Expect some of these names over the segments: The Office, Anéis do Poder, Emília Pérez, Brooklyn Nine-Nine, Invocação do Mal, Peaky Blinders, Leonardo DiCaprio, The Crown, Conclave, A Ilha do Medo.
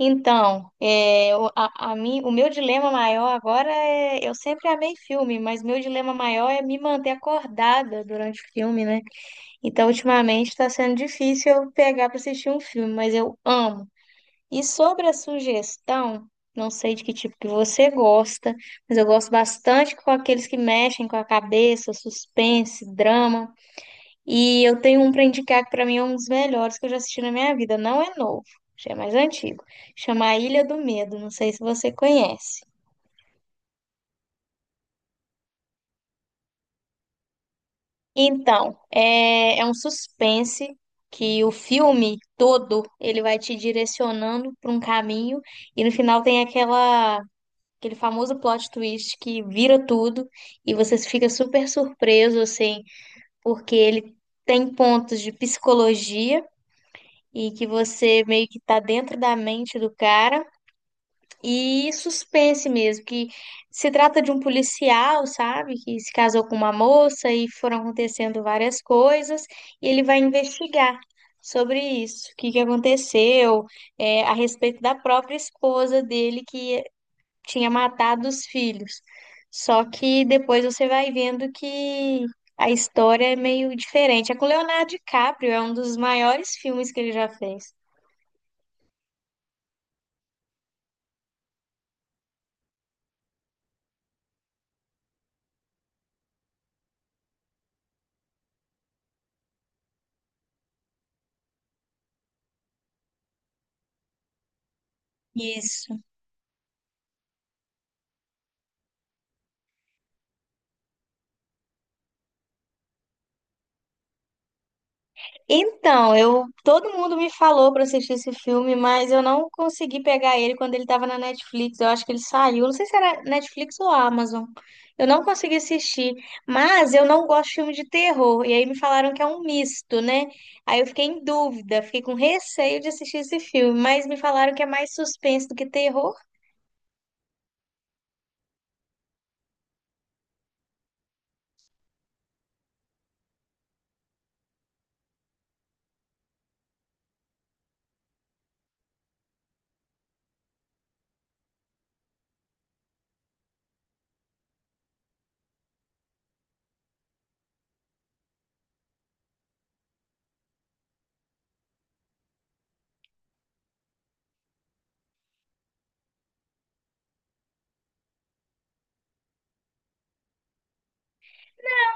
Então, é, o, a mim, o meu dilema maior agora é. Eu sempre amei filme, mas meu dilema maior é me manter acordada durante o filme, né? Então, ultimamente está sendo difícil eu pegar para assistir um filme, mas eu amo. E sobre a sugestão, não sei de que tipo que você gosta, mas eu gosto bastante com aqueles que mexem com a cabeça, suspense, drama. E eu tenho um pra indicar que pra mim é um dos melhores que eu já assisti na minha vida. Não é novo, já é mais antigo. Chama A Ilha do Medo, não sei se você conhece. Então, é um suspense que o filme todo ele vai te direcionando para um caminho e no final tem aquela aquele famoso plot twist que vira tudo e você fica super surpreso assim, porque ele tem pontos de psicologia e que você meio que tá dentro da mente do cara. E suspense mesmo, que se trata de um policial, sabe, que se casou com uma moça e foram acontecendo várias coisas, e ele vai investigar sobre isso, o que que aconteceu, a respeito da própria esposa dele que tinha matado os filhos. Só que depois você vai vendo que a história é meio diferente. É com Leonardo DiCaprio, é um dos maiores filmes que ele já fez. Isso. Então, eu todo mundo me falou pra assistir esse filme, mas eu não consegui pegar ele quando ele tava na Netflix. Eu acho que ele saiu, não sei se era Netflix ou Amazon. Eu não consegui assistir, mas eu não gosto de filme de terror. E aí me falaram que é um misto, né? Aí eu fiquei em dúvida, fiquei com receio de assistir esse filme, mas me falaram que é mais suspense do que terror.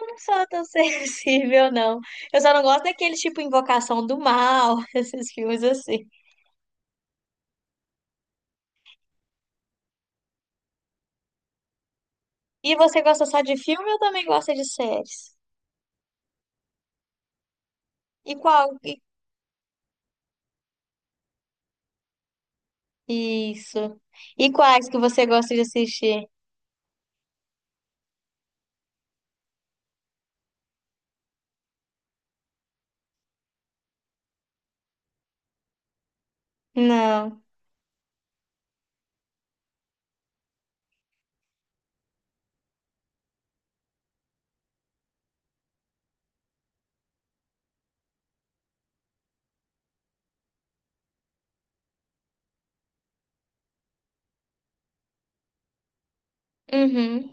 Eu não sou tão sensível, não. Eu só não gosto daquele tipo Invocação do Mal, esses filmes assim. E você gosta só de filme ou também gosta de séries? E qual? e- Isso. E quais que você gosta de assistir? Não. Uhum.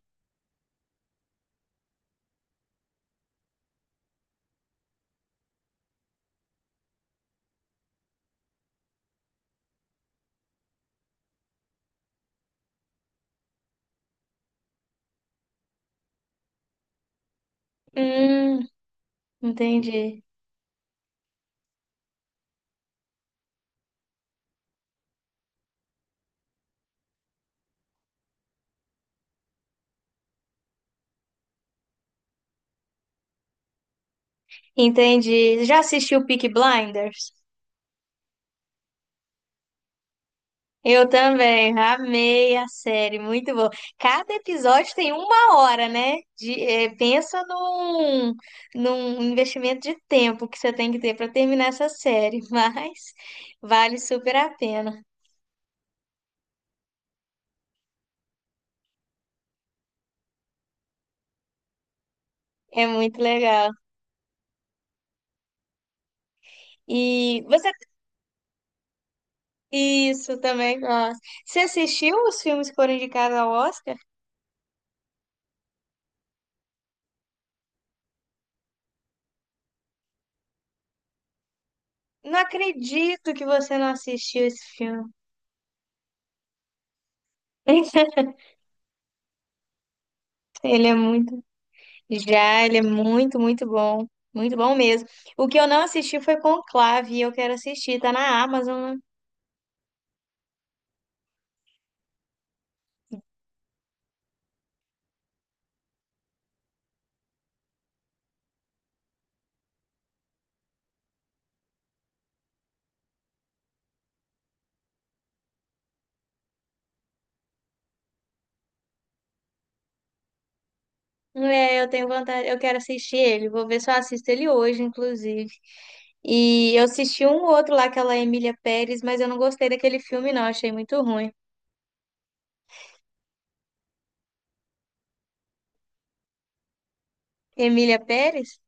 Hum, entendi. Entendi. Já assistiu Peaky Blinders? Eu também. Amei a série. Muito bom. Cada episódio tem uma hora, né? De, pensa num investimento de tempo que você tem que ter para terminar essa série. Mas vale super a pena. É muito legal. E você Isso, também gosto. Você assistiu os filmes que foram indicados ao Oscar? Não acredito que você não assistiu esse filme. Ele é muito. Já, ele é muito, muito bom. Muito bom mesmo. O que eu não assisti foi Conclave, e eu quero assistir. Tá na Amazon, né? É, eu tenho vontade, eu quero assistir ele. Vou ver se eu assisto ele hoje, inclusive. E eu assisti um outro lá, aquela Emília Pérez, mas eu não gostei daquele filme, não. Achei muito ruim. Emília Pérez?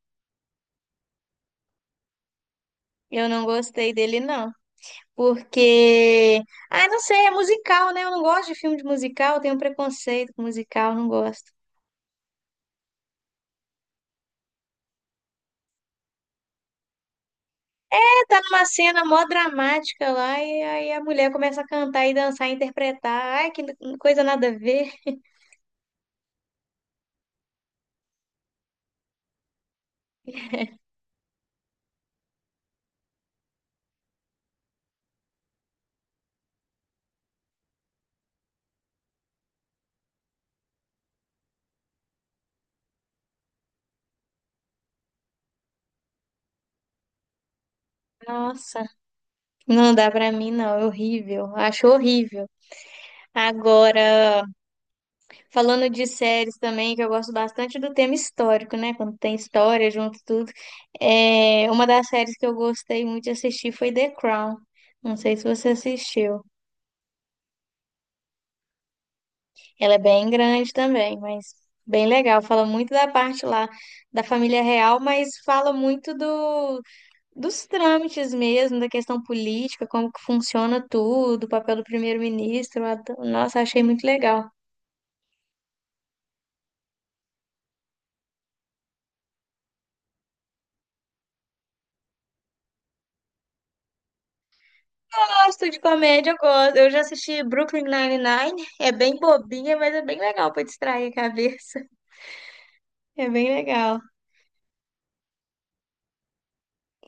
Eu não gostei dele, não. Porque, ah, não sei, é musical, né? Eu não gosto de filme de musical, eu tenho um preconceito com musical, não gosto. É, tá numa cena mó dramática lá e aí a mulher começa a cantar e dançar e interpretar. Ai, que coisa nada a ver. Nossa, não dá pra mim, não, é horrível, acho horrível. Agora, falando de séries também, que eu gosto bastante do tema histórico, né? Quando tem história junto tudo. É, uma das séries que eu gostei muito de assistir foi The Crown. Não sei se você assistiu. Ela é bem grande também, mas bem legal. Fala muito da parte lá da família real, mas fala muito dos trâmites mesmo, da questão política, como que funciona tudo, o papel do primeiro-ministro. Nossa, achei muito legal. Gosto de comédia, eu gosto. Eu já assisti Brooklyn Nine-Nine. É bem bobinha, mas é bem legal para distrair a cabeça. É bem legal.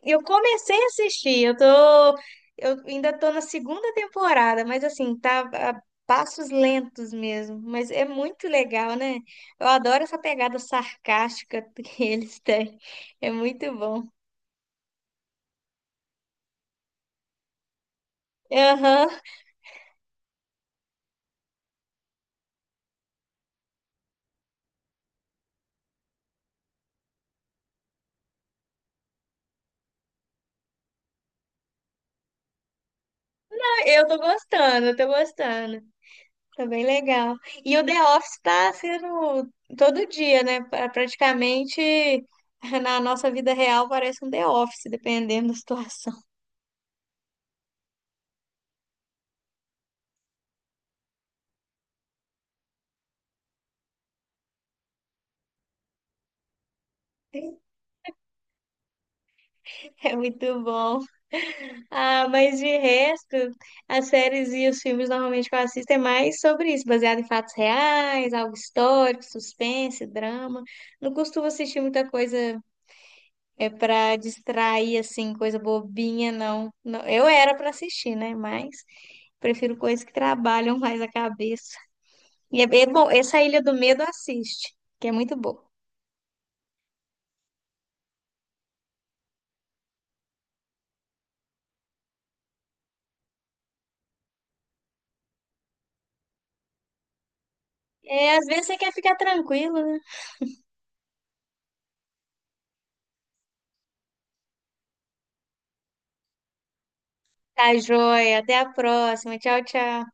Eu comecei a assistir, eu ainda tô na segunda temporada, mas assim, tá a passos lentos mesmo, mas é muito legal, né? Eu adoro essa pegada sarcástica que eles têm. É muito bom. Aham, eu tô gostando, eu tô gostando. Tá bem legal. E o The Office tá sendo todo dia, né? Praticamente na nossa vida real parece um The Office, dependendo da situação. É muito bom. Ah, mas de resto, as séries e os filmes normalmente que eu assisto é mais sobre isso, baseado em fatos reais, algo histórico, suspense, drama. Não costumo assistir muita coisa é para distrair assim, coisa bobinha, não. Não, eu era para assistir, né? Mas prefiro coisas que trabalham mais a cabeça. E é, é bom, essa Ilha do Medo assiste, que é muito boa. É, às vezes você quer ficar tranquilo, né? Tá joia, até a próxima. Tchau, tchau.